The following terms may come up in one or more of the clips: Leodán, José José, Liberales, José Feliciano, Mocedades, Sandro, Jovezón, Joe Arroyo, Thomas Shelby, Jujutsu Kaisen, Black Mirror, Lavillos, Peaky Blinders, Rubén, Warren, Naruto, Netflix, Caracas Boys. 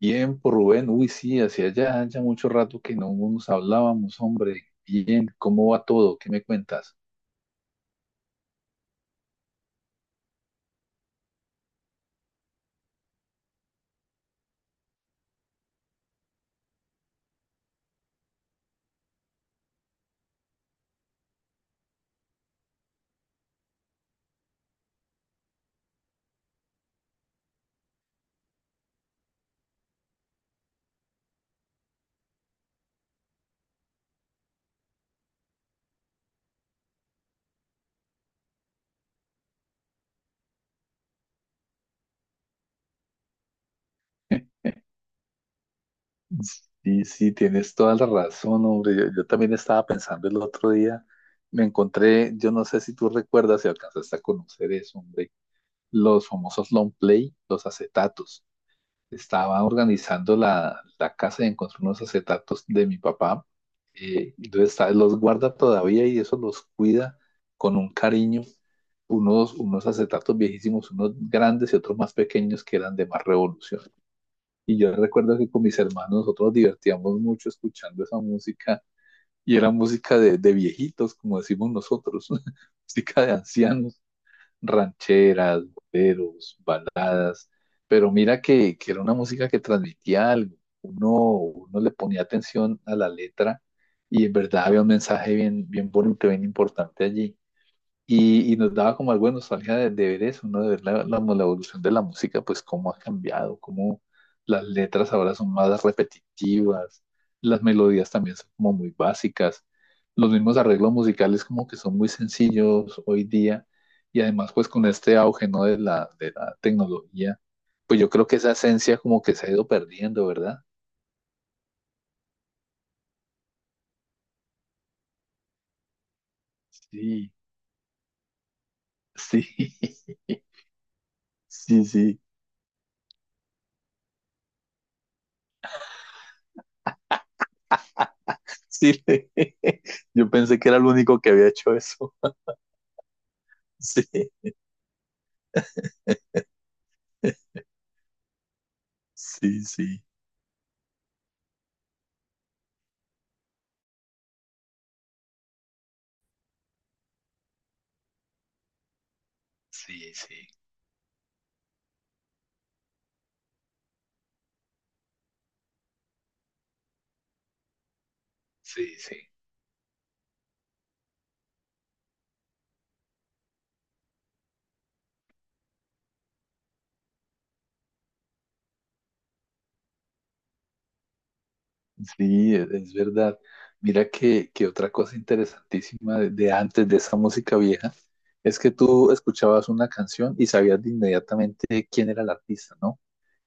Bien, por Rubén, uy, sí, hacía ya mucho rato que no nos hablábamos, hombre. Bien, ¿cómo va todo? ¿Qué me cuentas? Sí, sí, tienes toda la razón, hombre. Yo también estaba pensando el otro día, me encontré, yo no sé si tú recuerdas, si alcanzaste a conocer eso, hombre, los famosos long play, los acetatos. Estaba organizando la casa y encontré unos acetatos de mi papá. Entonces, ¿sabes? Los guarda todavía y eso los cuida con un cariño. Unos acetatos viejísimos, unos grandes y otros más pequeños que eran de más revolución. Y yo recuerdo que con mis hermanos nosotros nos divertíamos mucho escuchando esa música y era música de viejitos, como decimos nosotros, música de ancianos: rancheras, boleros, baladas, pero mira que era una música que transmitía algo. Uno le ponía atención a la letra y en verdad había un mensaje bien, bien bonito, bien importante allí. Y nos daba como algo de nostalgia de ver eso, ¿no? De ver la evolución de la música, pues cómo ha cambiado, cómo las letras ahora son más repetitivas, las melodías también son como muy básicas, los mismos arreglos musicales como que son muy sencillos hoy día, y además pues con este auge, ¿no? De la tecnología, pues yo creo que esa esencia como que se ha ido perdiendo, ¿verdad? Sí, sí, sí, sí, sí. Yo pensé que era el único que había hecho eso. Sí, sí, sí, sí, sí, sí, sí. Sí, es verdad. Mira que otra cosa interesantísima de antes de esa música vieja es que tú escuchabas una canción y sabías de inmediatamente quién era el artista, ¿no?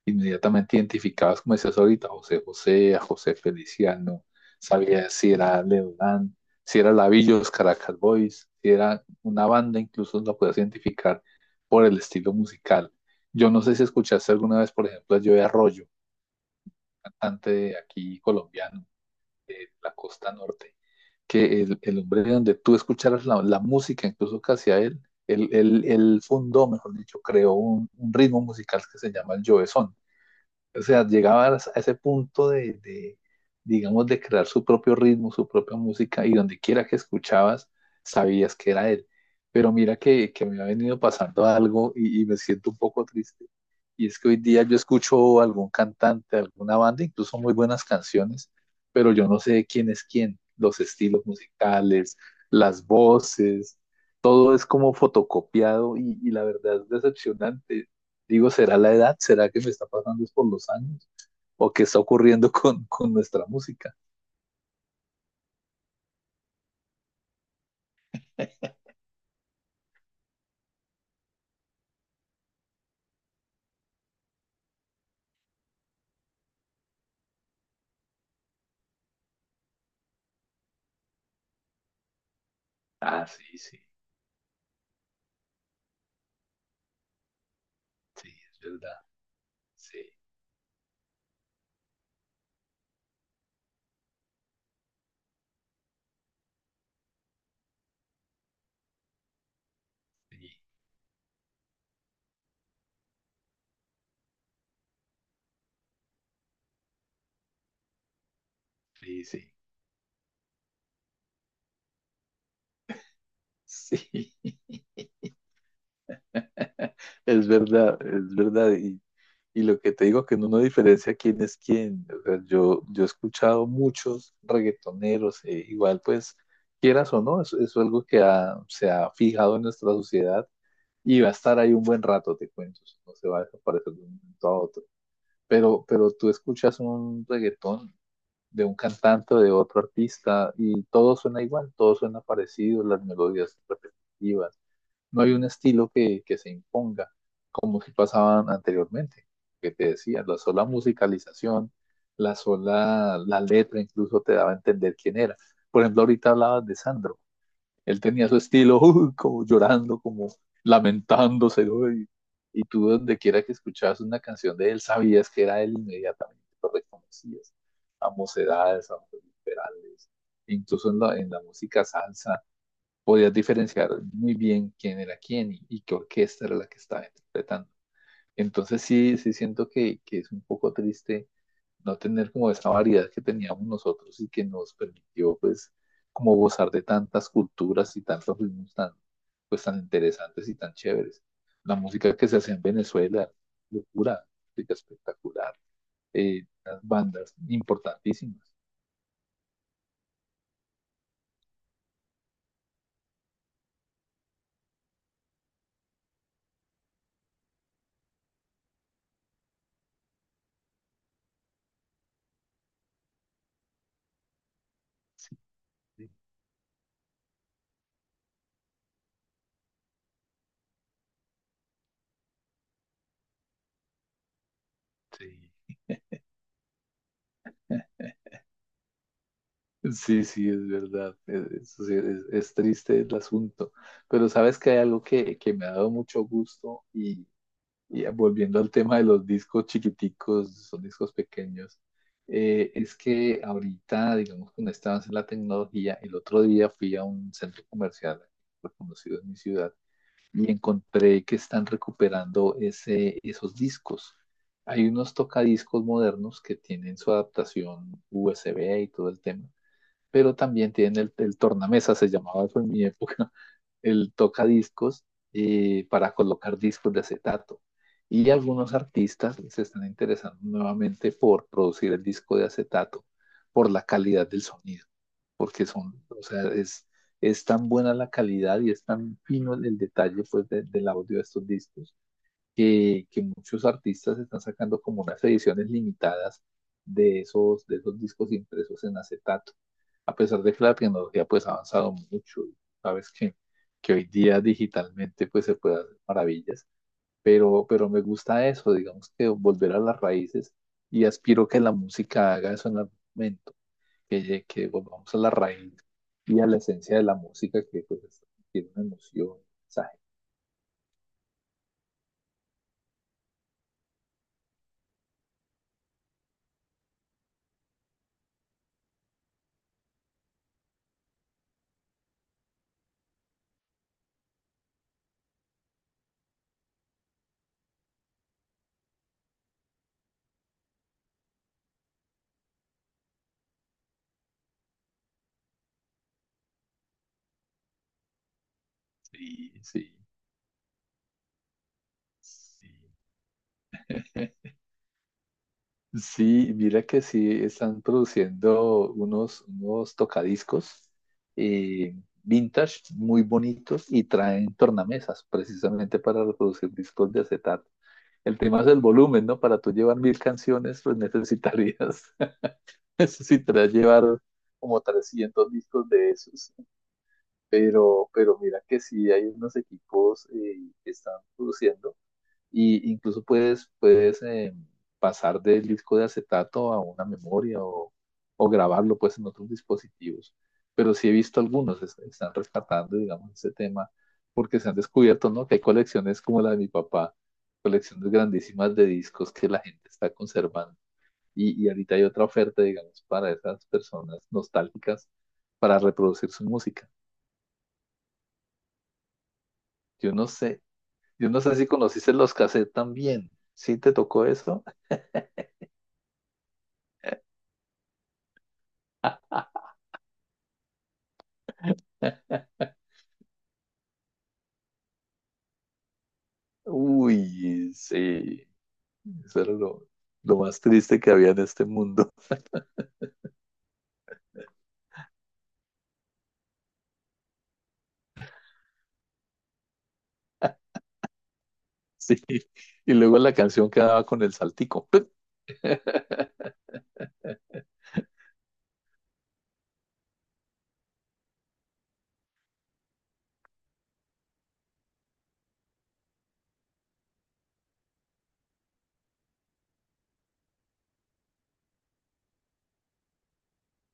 Inmediatamente identificadas, como decías ahorita, a José José, a José Feliciano, sabía si era Leodán, si era Lavillos, Caracas Boys, si era una banda, incluso la podías identificar por el estilo musical. Yo no sé si escuchaste alguna vez, por ejemplo, a Joe Arroyo, cantante de aquí colombiano, de la costa norte, que el hombre de donde tú escucharas la música, incluso que hacía él, él fundó, mejor dicho, creó un ritmo musical que se llama el Jovezón. O sea, llegabas a ese punto digamos, de crear su propio ritmo, su propia música, y donde quiera que escuchabas, sabías que era él. Pero mira que me ha venido pasando algo y me siento un poco triste. Y es que hoy día yo escucho algún cantante, alguna banda, incluso muy buenas canciones, pero yo no sé quién es quién, los estilos musicales, las voces, todo es como fotocopiado y la verdad es decepcionante. Digo, ¿será la edad? ¿Será que me está pasando es por los años? ¿O qué está ocurriendo con nuestra música? Ah, sí, sí, sí, es verdad. Sí, sí, sí, sí. Sí, es verdad, es verdad. Y lo que te digo, que uno no diferencia quién es quién. O sea, yo he escuchado muchos reggaetoneros, igual pues, quieras o no, eso es algo que se ha fijado en nuestra sociedad y va a estar ahí un buen rato, te cuento. Eso no se va a desaparecer de un momento a otro. Pero tú escuchas un reggaetón de un cantante o de otro artista y todo suena igual, todo suena parecido, las melodías repetitivas. No hay un estilo que se imponga, como si pasaban anteriormente, que te decía, la sola musicalización, la sola, la letra incluso te daba a entender quién era. Por ejemplo, ahorita hablabas de Sandro. Él tenía su estilo, como llorando, como lamentándose, ¿no? Y y tú donde quiera que escuchabas una canción de él, sabías que era él inmediatamente, lo reconocías, a mocedades, a liberales, incluso en la música salsa, podías diferenciar muy bien quién era quién y qué orquesta era la que estaba interpretando. Entonces sí, sí siento que es un poco triste no tener como esa variedad que teníamos nosotros y que nos permitió pues como gozar de tantas culturas y tantos ritmos tan pues tan interesantes y tan chéveres. La música que se hace en Venezuela, locura, música espectacular, las bandas importantísimas. Sí, sí. Sí, sí, es verdad. Sí, es triste el asunto. Pero sabes que hay algo que me ha dado mucho gusto. Y volviendo al tema de los discos chiquiticos, son discos pequeños, es que ahorita, digamos, con este avance en la tecnología, el otro día fui a un centro comercial reconocido en mi ciudad y encontré que están recuperando ese, esos discos. Hay unos tocadiscos modernos que tienen su adaptación USB y todo el tema, pero también tienen el tornamesa, se llamaba eso en mi época, el tocadiscos para colocar discos de acetato. Y algunos artistas se están interesando nuevamente por producir el disco de acetato, por la calidad del sonido, porque son, o sea, es tan buena la calidad y es tan fino el detalle pues, del audio de estos discos que muchos artistas están sacando como unas ediciones limitadas de esos discos impresos en acetato. A pesar de que la tecnología pues ha avanzado mucho, sabes que hoy día digitalmente pues se puede hacer maravillas, pero me gusta eso, digamos que volver a las raíces y aspiro que la música haga eso en algún momento, que, que volvamos a la raíz y a la esencia de la música que pues tiene una emoción, un mensaje. Sí, sí, sí. Sí, mira que sí están produciendo unos, unos tocadiscos eh, vintage muy bonitos y traen tornamesas precisamente para reproducir discos de acetato. El tema es el volumen, ¿no? Para tú llevar 1000 canciones, pues necesitarías, necesitarías llevar como 300 discos de esos. Pero mira que sí hay unos equipos que están produciendo. Y incluso puedes pasar del disco de acetato a una memoria o grabarlo pues en otros dispositivos. Pero sí he visto algunos, están rescatando, digamos, ese tema, porque se han descubierto, ¿no? Que hay colecciones como la de mi papá, colecciones grandísimas de discos que la gente está conservando. Y ahorita hay otra oferta, digamos, para esas personas nostálgicas para reproducir su música. Yo no sé, yo no sé si conociste los cassettes también. ¿Sí te tocó eso? Uy, sí, eso era lo más triste que había en este mundo. Sí, y luego la canción quedaba con el saltico.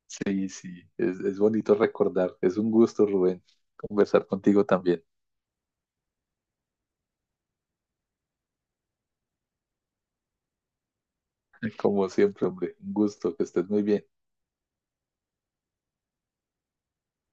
Sí, sí, es bonito recordar. Es un gusto, Rubén, conversar contigo también. Como siempre, hombre, un gusto, que estés muy bien.